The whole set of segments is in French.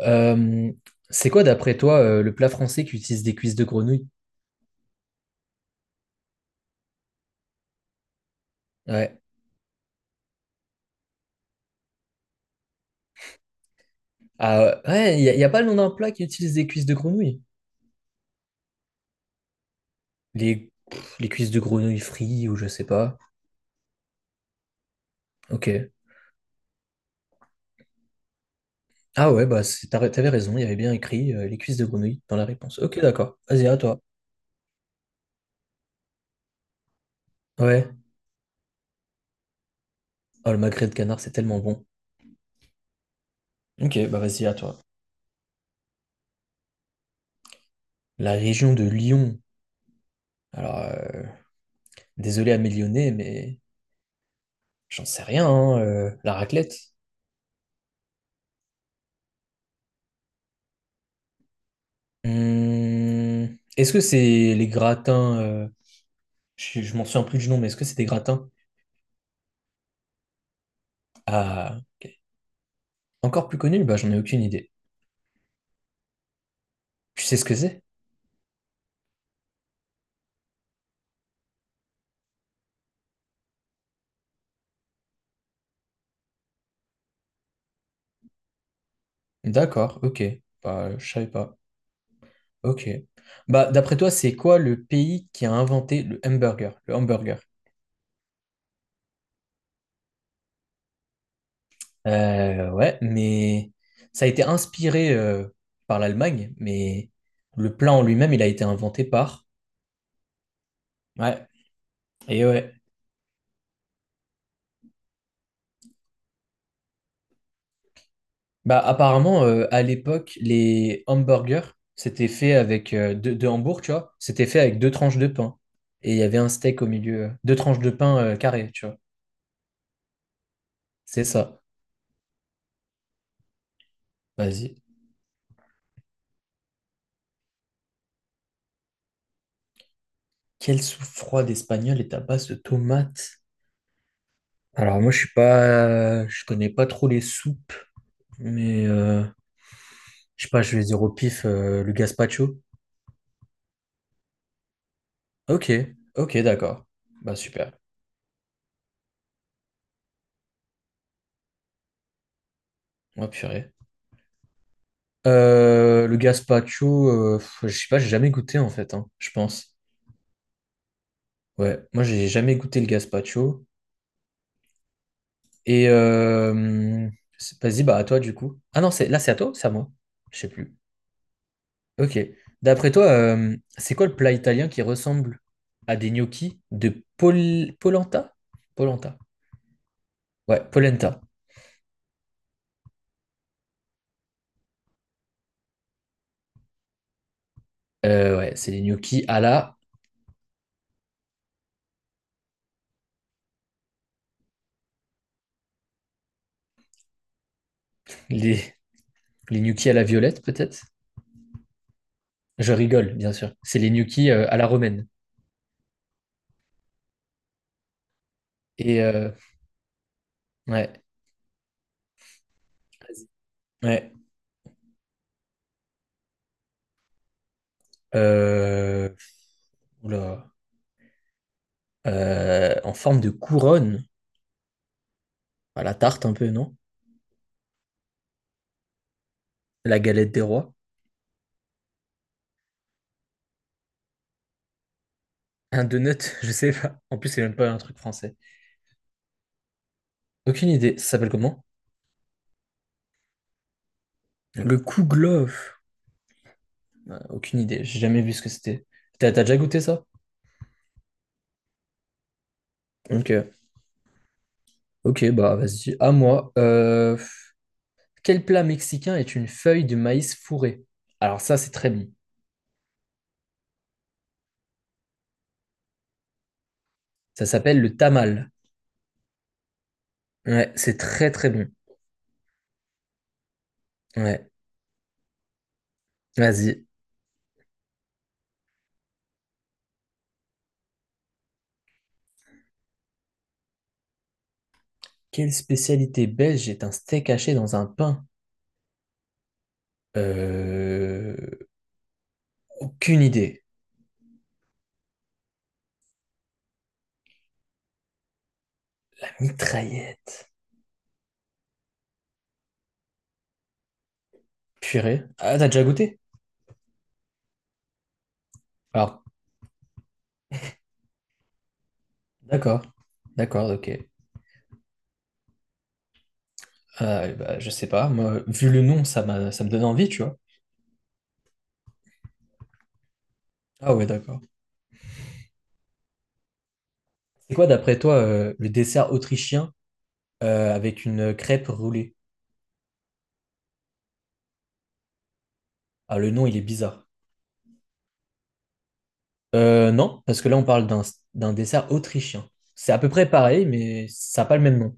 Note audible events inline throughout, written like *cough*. Euh, c'est quoi, d'après toi, le plat français qui utilise des cuisses de grenouille? Ouais. Ah ouais, il n'y a, pas le nom d'un plat qui utilise des cuisses de grenouille. Les cuisses de grenouille frites ou je sais pas. Ok. Ah ouais, bah t'avais raison, il y avait bien écrit les cuisses de grenouille dans la réponse. Ok, d'accord. Vas-y, à toi. Ouais. Oh, le magret de canard, c'est tellement bon. Ok, bah vas-y, à toi. La région de Lyon. Alors, désolé à mes Lyonnais, mais j'en sais rien, hein, la raclette. Est-ce que c'est les gratins, je m'en souviens plus du nom, mais est-ce que c'est des gratins. Ah, ok. Encore plus connus? Bah, j'en ai aucune idée. Tu sais ce que c'est? D'accord, ok. Bah, je savais pas. Ok. Bah, d'après toi, c'est quoi le pays qui a inventé le hamburger, le hamburger? Ouais, mais ça a été inspiré par l'Allemagne, mais le plat en lui-même, il a été inventé par... Ouais, et ouais. Bah, apparemment, à l'époque, les hamburgers, c'était fait avec deux hambourgs, tu vois. C'était fait avec deux tranches de pain. Et il y avait un steak au milieu. Deux tranches de pain carré, tu vois. C'est ça. Vas-y. Quelle soupe froide espagnole est à base de tomates? Alors moi, je suis pas, je connais pas trop les soupes, mais je sais pas, je vais dire au pif le gazpacho. Ok, ok, d'accord. Bah super. Oh, purée. Le gazpacho, je sais pas, j'ai jamais goûté en fait, hein, je pense. Ouais, moi j'ai jamais goûté le gazpacho. Et vas-y, bah à toi du coup. Ah non, c'est là c'est à toi, ou c'est à moi. Je sais plus. Ok. D'après toi, c'est quoi le plat italien qui ressemble à des gnocchis de polenta? Polenta. Ouais, polenta. Ouais, c'est les gnocchis à la... les les gnocchis à la violette peut-être. Je rigole, bien sûr. C'est les gnocchis à la romaine. Et euh, ouais, ouais. Euh, Oula. En forme de couronne. Bah, la tarte un peu, non? La galette des rois? Un donut? *laughs* Je sais pas. En plus, c'est même pas un truc français. Aucune idée. Ça s'appelle comment? Le kouglof. Aucune idée. J'ai jamais vu ce que c'était. T'as déjà goûté ça? Ok. Ok, bah vas-y. À moi. Quel plat mexicain est une feuille de maïs fourrée? Alors ça, c'est très bon. Ça s'appelle le tamal. Ouais, c'est très très bon. Ouais. Vas-y. Quelle spécialité belge est un steak haché dans un pain? Euh... Aucune idée. La Mitraillette. Purée. Ah, t'as déjà goûté? Alors, d'accord. D'accord, ok. Ah, bah, je sais pas. Moi, vu le nom, ça me donne envie, tu vois. Ah ouais, d'accord. C'est quoi, d'après toi, le dessert autrichien avec une crêpe roulée? Ah, le nom, il est bizarre. Non, parce que là, on parle d'un dessert autrichien. C'est à peu près pareil, mais ça n'a pas le même nom.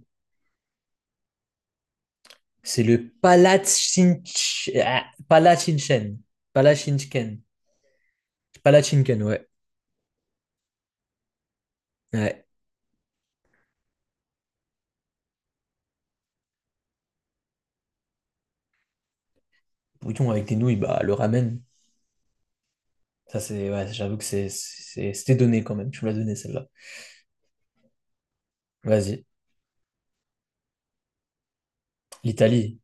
C'est le Palatschinken. Palatschinken. Palatschinken, ouais. Ouais. Bouillon avec des nouilles, bah, le ramen. Ça, c'est, ouais, j'avoue que c'était donné quand même. Tu me l'as donné celle-là. Vas-y. L'Italie.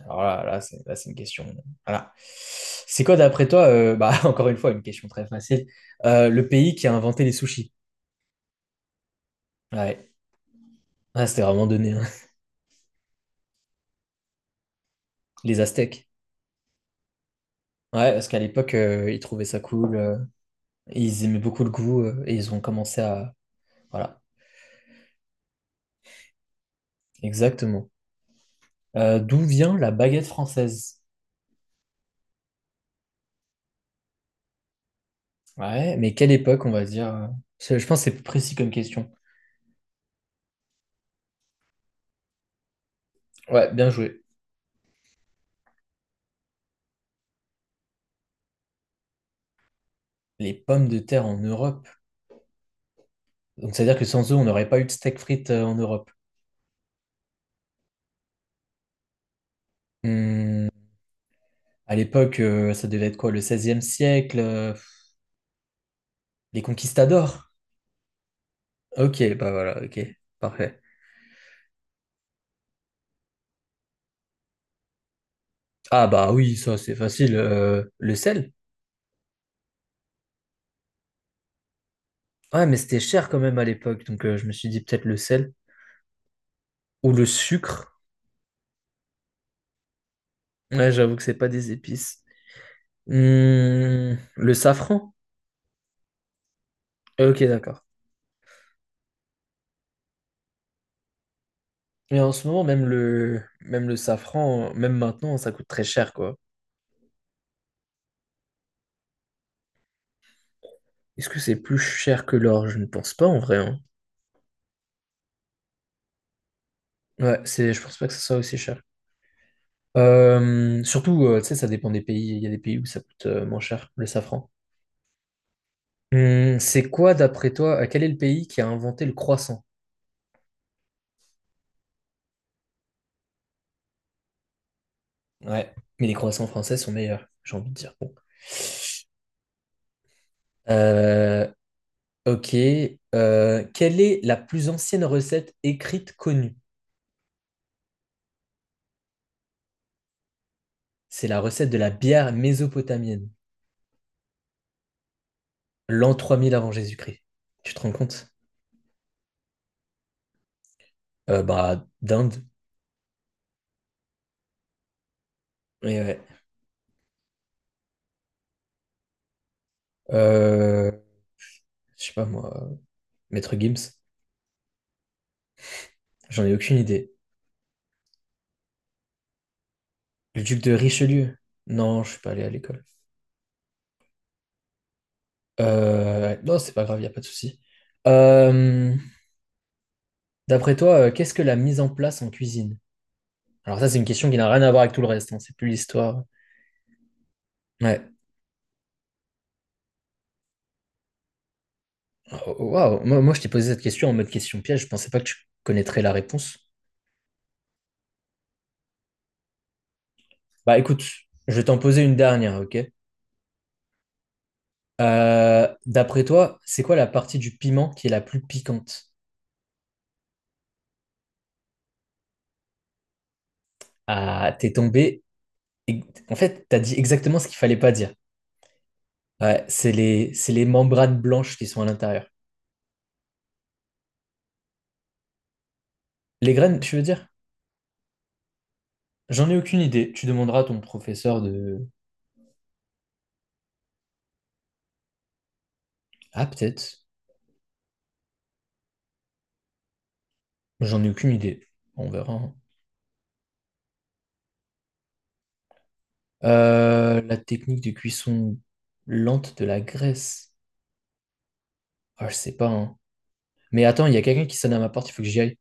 Alors là, là, c'est une question. Voilà. C'est quoi, d'après toi, bah, *laughs* encore une fois, une question très facile. Le pays qui a inventé les sushis. Ouais. Ah, c'était vraiment donné, hein. Les Aztèques. Ouais, parce qu'à l'époque, ils trouvaient ça cool. Ils aimaient beaucoup le goût et ils ont commencé à... Voilà. Exactement. D'où vient la baguette française? Ouais, mais quelle époque, on va dire? Je pense que c'est plus précis comme question. Ouais, bien joué. Les pommes de terre en Europe. Donc, c'est-à-dire que sans eux, on n'aurait pas eu de steak frites en Europe. Hmm, à l'époque, ça devait être quoi, le 16e siècle, les conquistadors. Ok, bah voilà, ok, parfait. Ah bah oui, ça c'est facile. Le sel? Ouais, mais c'était cher quand même à l'époque, donc je me suis dit peut-être le sel ou le sucre. Ouais, j'avoue que c'est pas des épices. Le safran? Ok, d'accord. Mais en ce moment, même le safran, même maintenant, ça coûte très cher, quoi. Est-ce que c'est plus cher que l'or? Je ne pense pas en vrai, hein. Ouais, c'est, je pense pas que ça soit aussi cher. Surtout, tu sais, ça dépend des pays. Il y a des pays où ça coûte moins cher, le safran. C'est quoi, d'après toi, quel est le pays qui a inventé le croissant? Ouais, mais les croissants français sont meilleurs, j'ai envie de dire. Bon. Euh, ok. Quelle est la plus ancienne recette écrite connue? C'est la recette de la bière mésopotamienne, l'an 3000 avant Jésus-Christ. Tu te rends compte? Bah, d'Inde. Euh, je sais pas moi, Maître Gims, j'en ai aucune idée. Le duc de Richelieu, non, je suis pas allé à l'école. Non, c'est pas grave, y a pas de souci. Euh, D'après toi, qu'est-ce que la mise en place en cuisine? Alors ça, c'est une question qui n'a rien à voir avec tout le reste, hein, c'est plus l'histoire. Ouais. Oh, oh, waouh, moi je t'ai posé cette question en mode question piège, je pensais pas que tu connaîtrais la réponse. Bah écoute, je vais t'en poser une dernière, ok? D'après toi, c'est quoi la partie du piment qui est la plus piquante? Ah, t'es tombé. Et- En fait, tu as dit exactement ce qu'il fallait pas dire. Ouais, c'est les membranes blanches qui sont à l'intérieur. Les graines, tu veux dire? J'en ai aucune idée. Tu demanderas à ton professeur de... Ah, peut-être. J'en ai aucune idée. On verra, hein. La technique de cuisson lente de la graisse. Ah, je sais pas, hein. Mais attends, il y a quelqu'un qui sonne à ma porte, il faut que j'y aille.